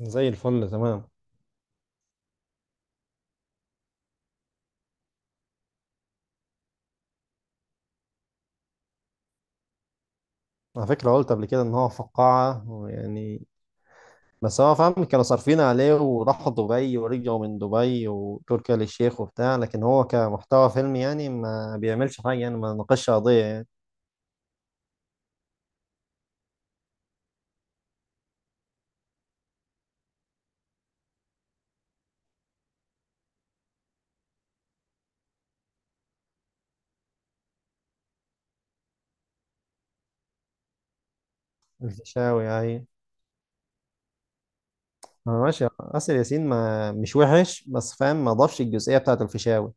زي الفل تمام. على فكرة قلت قبل كده إن هو فقاعة يعني، بس هو فاهم كانوا صارفين عليه وراحوا دبي ورجعوا من دبي وتركيا للشيخ وبتاع، لكن هو كمحتوى فيلم يعني ما بيعملش حاجة يعني، ما ناقشش قضية يعني. الفيشاوي يعني. هو ماشي آسر ياسين ما مش وحش، بس فاهم ما ضافش الجزئية بتاعة الفيشاوي.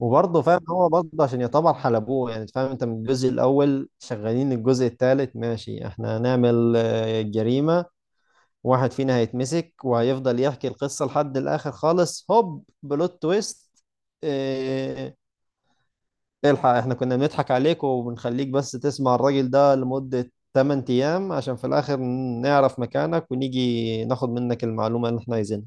وبرضه فاهم هو برضه عشان يعتبر حلبوه يعني، فاهم انت من الجزء الأول شغالين الجزء الثالث ماشي، احنا هنعمل جريمة. واحد فينا هيتمسك وهيفضل يحكي القصة لحد الآخر خالص، هوب بلوت تويست. إيه الحق، احنا كنا بنضحك عليك وبنخليك بس تسمع الراجل ده لمدة 8 أيام عشان في الآخر نعرف مكانك ونيجي ناخد منك المعلومة اللي احنا عايزينها.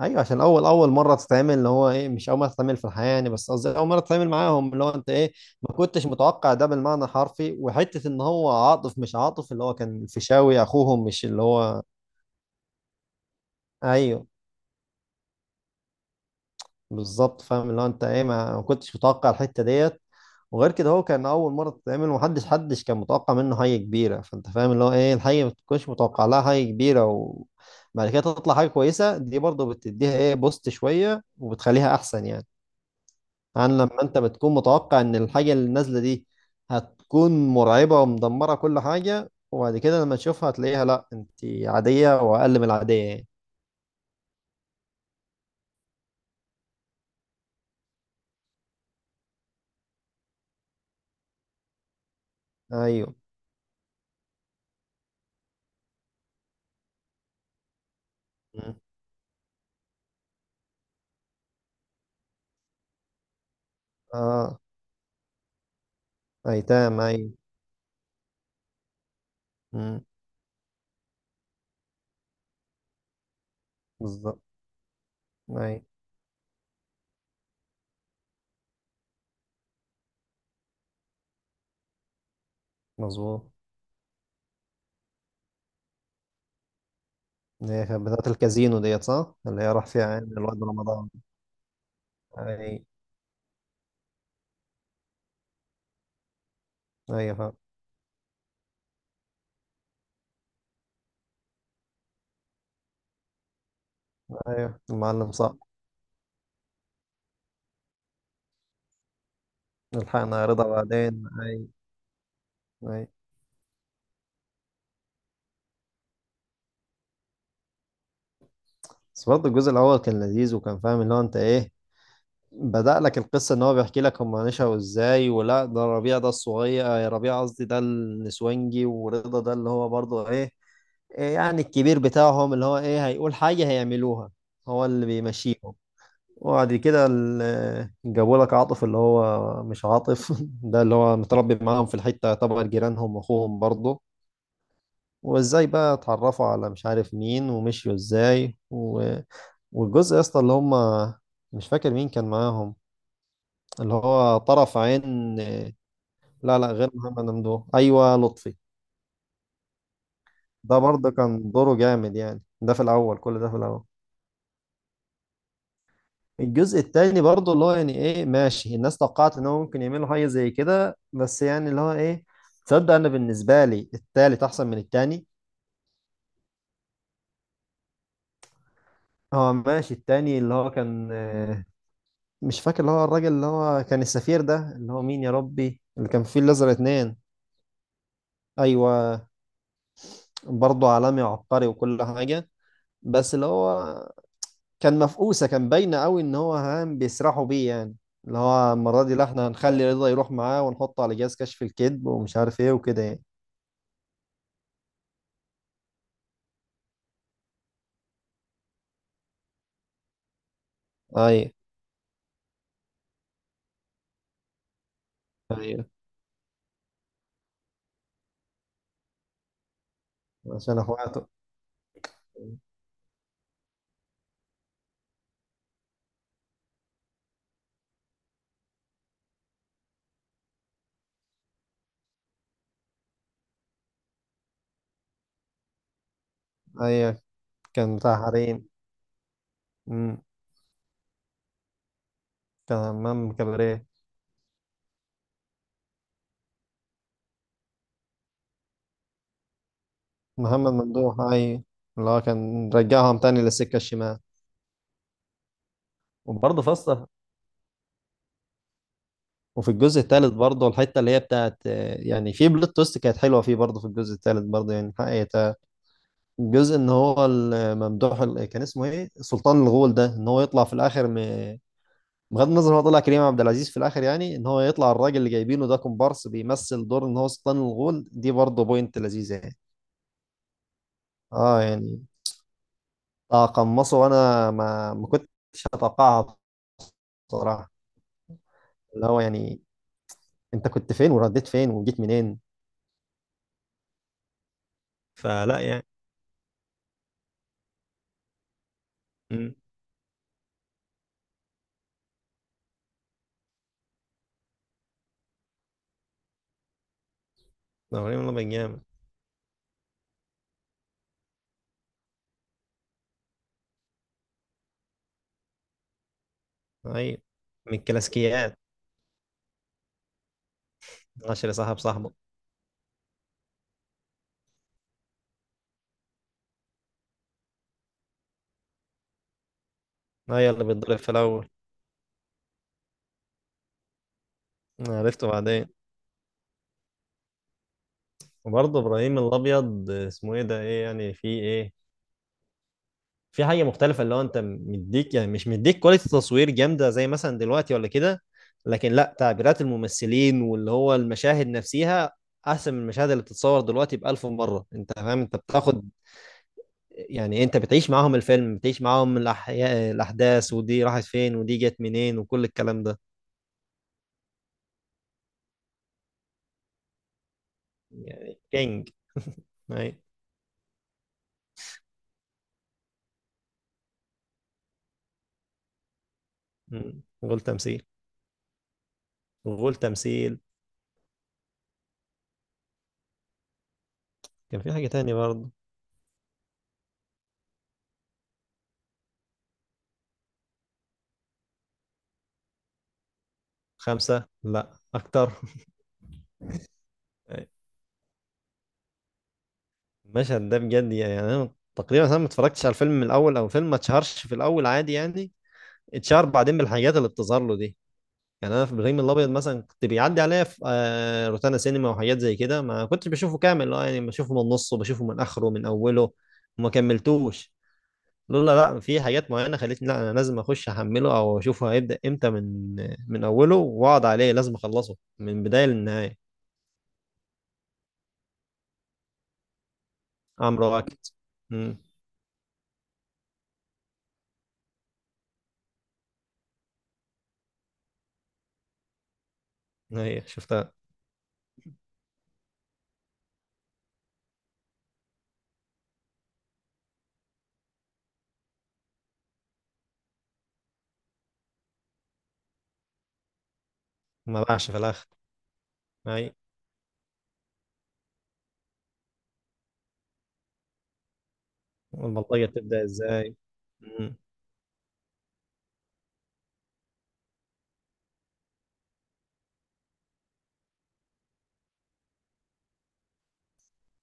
أيوة، عشان أول مرة تتعمل، اللي هو إيه، مش أول مرة تتعمل في الحياة يعني، بس قصدي أول مرة تتعامل معاهم، اللي هو أنت إيه، ما كنتش متوقع ده بالمعنى الحرفي، وحتة إن هو عاطف، مش عاطف اللي هو كان الفيشاوي أخوهم، مش اللي هو. أيوه بالظبط، فاهم اللي هو انت ايه، ما كنتش متوقع الحته ديت. وغير كده هو كان اول مره تتعمل، ومحدش كان متوقع منه حاجه كبيره، فانت فاهم اللي هو ايه، الحاجه ما تكونش متوقع لها حاجه كبيره وبعد كده تطلع حاجه كويسه، دي برضه بتديها ايه، بوست شويه وبتخليها احسن يعني. عن لما انت بتكون متوقع ان الحاجه اللي نازله دي هتكون مرعبه ومدمره كل حاجه، وبعد كده لما تشوفها هتلاقيها لا انت عاديه واقل من العاديه يعني. ايوه. مم. اه. ايتام، ايوه. مم. بالظبط. اي. مظبوط. اللي هي كانت بتاعت الكازينو ديت صح، اللي هي راح فيها عين الواد رمضان. اي. اي فاهم. اي المعلم صح. الحقنا يا رضا بعدين، اي. اي. بس برضه الجزء الاول كان لذيذ، وكان فاهم اللي هو انت ايه، بدأ لك القصة ان هو بيحكي لك هم نشأوا ازاي، ولا ده ربيع ده الصغير، ربيع قصدي ده النسوانجي، ورضا ده اللي هو برضه ايه، إيه يعني الكبير بتاعهم، اللي هو ايه هيقول حاجة هيعملوها، هو اللي بيمشيهم. وبعد كده جابوا لك عاطف اللي هو مش عاطف ده اللي هو متربي معاهم في الحتة طبعا، جيرانهم واخوهم برضه. وازاي بقى اتعرفوا على مش عارف مين ومشيوا ازاي والجزء يا اسطى اللي هم، مش فاكر مين كان معاهم، اللي هو طرف عين. لا لا، غير محمد ممدوح، ايوه لطفي. ده برضه كان دوره جامد يعني، ده في الاول، كل ده في الاول. الجزء التاني برضه اللي هو يعني ايه، ماشي الناس توقعت ان هو ممكن يعملوا حاجه زي كده، بس يعني اللي هو ايه، تصدق انا بالنسبه لي التالت احسن من التاني. هو ماشي التاني اللي هو كان، مش فاكر اللي هو الراجل اللي هو كان السفير ده، اللي هو مين يا ربي، اللي كان فيه الازرق اتنين. ايوه. برضه عالمي وعبقري وكل حاجه، بس اللي هو كان مفقوسه، كان باينه قوي ان هو هام بيسرحوا بيه يعني، اللي هو المره دي لا احنا هنخلي رضا يروح معاه ونحطه على جهاز كشف الكذب ومش عارف ايه وكده يعني. ايوه ايوه. عشان اخواته. ايوه. كان بتاع حريم. امم. كان همام كباريه. محمد ممدوح ايوه. اللي هو كان رجعهم تاني للسكه الشمال. وبرضه فصل، وفي الجزء الثالث برضه الحته اللي هي بتاعت، يعني في بلوت تويست كانت حلوه فيه، برضه في الجزء الثالث برضه يعني حقيقة. الجزء ان هو الممدوح كان اسمه ايه سلطان الغول ده، ان هو يطلع في الاخر بغض النظر هو طلع كريم عبد العزيز في الاخر، يعني ان هو يطلع الراجل اللي جايبينه ده كومبارس بيمثل دور ان هو سلطان الغول، دي برضه بوينت لذيذه يعني. اه يعني تقمصه، وانا ما كنتش اتوقعها بصراحه. اللي هو يعني انت كنت فين ورديت فين وجيت منين. فلا يعني. امم. ابراهيم الله بن جامع. ايوه. من الكلاسيكيات. عشرة صاحب صاحبه. ايوه اللي بيتضرب في الاول. عرفته بعدين. وبرضه ابراهيم الابيض اسمه ايه ده، ايه يعني، في ايه، في حاجه مختلفه، اللي هو انت مديك يعني، مش مديك كواليتي تصوير جامده زي مثلا دلوقتي ولا كده، لكن لا تعبيرات الممثلين واللي هو المشاهد نفسها احسن من المشاهد اللي بتتصور دلوقتي بألف مره، انت فاهم، انت بتاخد يعني، انت بتعيش معاهم الفيلم، بتعيش معاهم الأحياء الاحداث ودي راحت فين ودي جت منين وكل الكلام ده. يعني كينج. اي. مم. غول تمثيل. غول تمثيل. كان في حاجه تانية برضه. خمسه لا اكتر. المشهد ده بجد يعني، انا تقريبا انا ما اتفرجتش على الفيلم من الاول، او فيلم ما اتشهرش في الاول عادي يعني، اتشهر بعدين بالحاجات اللي بتظهر له دي. يعني انا في ابراهيم الابيض مثلا كنت بيعدي عليا في روتانا سينما وحاجات زي كده، ما كنتش بشوفه كامل اه يعني، بشوفه من نصه، بشوفه من اخره، من اوله وما كملتوش، لولا لا في حاجات معينه خلتني لا انا لازم اخش احمله او اشوفه هيبدا امتى، من من اوله واقعد عليه، لازم اخلصه من بدايه للنهايه. عمرو واكد. امم. هي شفتها. ما باعش في الاخر. أيوة. والبلطجة بتبدأ ازاي. مم.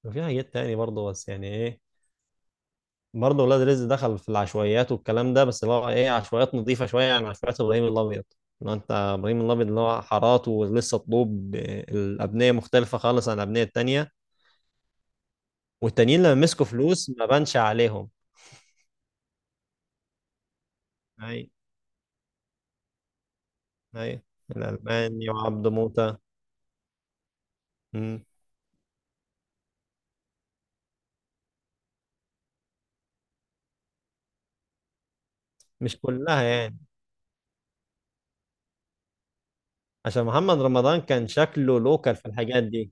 وفي حاجات تاني برضه بس يعني ايه، برضه ولاد رزق دخل في العشوائيات والكلام ده، بس اللي هو ايه عشوائيات نظيفة شوية عن عشوائيات ابراهيم الابيض، اللي هو انت ابراهيم الابيض اللي هو حارات ولسه طلوب، الابنية مختلفة خالص عن الابنية التانية. والتانيين لما مسكوا فلوس ما بانش عليهم. اي. اي. الالماني وعبده موتة. مم. مش كلها يعني، عشان محمد رمضان كان شكله لوكال في الحاجات دي.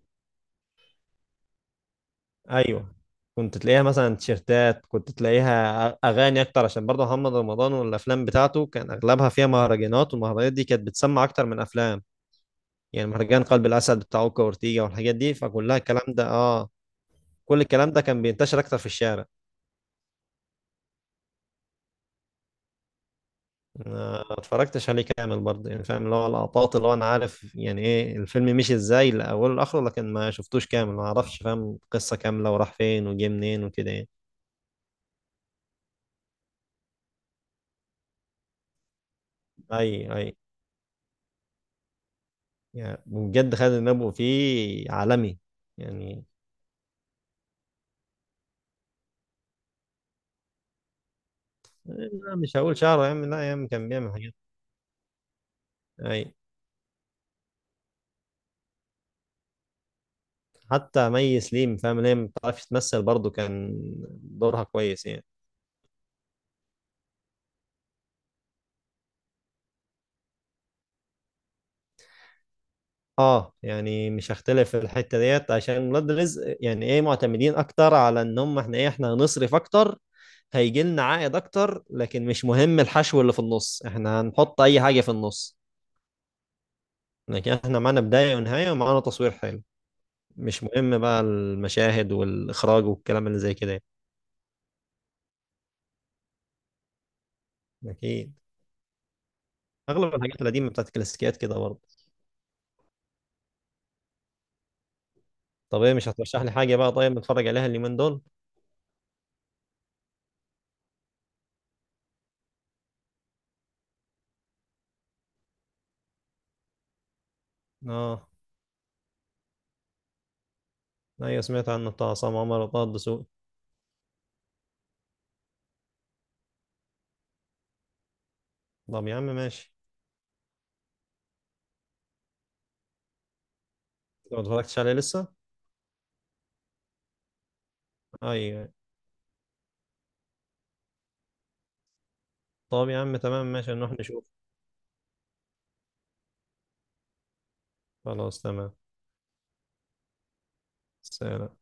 ايوه. كنت تلاقيها مثلا تيشيرتات، كنت تلاقيها اغاني اكتر، عشان برضه محمد رمضان والافلام بتاعته كان اغلبها فيها مهرجانات، والمهرجانات دي كانت بتسمع اكتر من افلام، يعني مهرجان قلب الاسد بتاع اوكا وأورتيجا والحاجات دي، فكلها الكلام ده اه. كل الكلام ده كان بينتشر اكتر في الشارع. ما اتفرجتش عليه كامل برضه يعني، فاهم اللي هو لقطات، اللي هو انا عارف يعني ايه الفيلم مشي ازاي لاوله لاخره، لكن ما شفتوش كامل، ما اعرفش فاهم قصة كاملة وراح فين وجه منين وكده يعني. اي اي. يعني بجد خالد النبوي فيه عالمي يعني. لا مش هقول شعره يا عم، لا يا عم كان بيعمل حاجات. أي. حتى مي سليم فاهم ليه ما بتعرفش تمثل، برضه كان دورها كويس يعني. اه يعني مش هختلف في الحتة ديت، عشان ولاد رزق يعني ايه معتمدين اكتر على ان هم احنا ايه، احنا هنصرف اكتر، هيجي لنا عائد اكتر، لكن مش مهم الحشو اللي في النص، احنا هنحط اي حاجة في النص. لكن احنا معانا بداية ونهاية ومعانا تصوير حلو، مش مهم بقى المشاهد والإخراج والكلام اللي زي كده يعني. أكيد. أغلب الحاجات القديمة بتاعت الكلاسيكيات كده برضه. طب إيه، مش هترشح لي حاجة بقى طيب نتفرج عليها اليومين دول؟ آه. أيوة سمعت عنه، بتاع عصام عمر وطه الدسوقي. طب يا عم ماشي. لو ما اتفرجتش عليه لسه؟ أيوة. طب يا عم تمام ماشي نروح نشوف. خلاص تمام. سلام.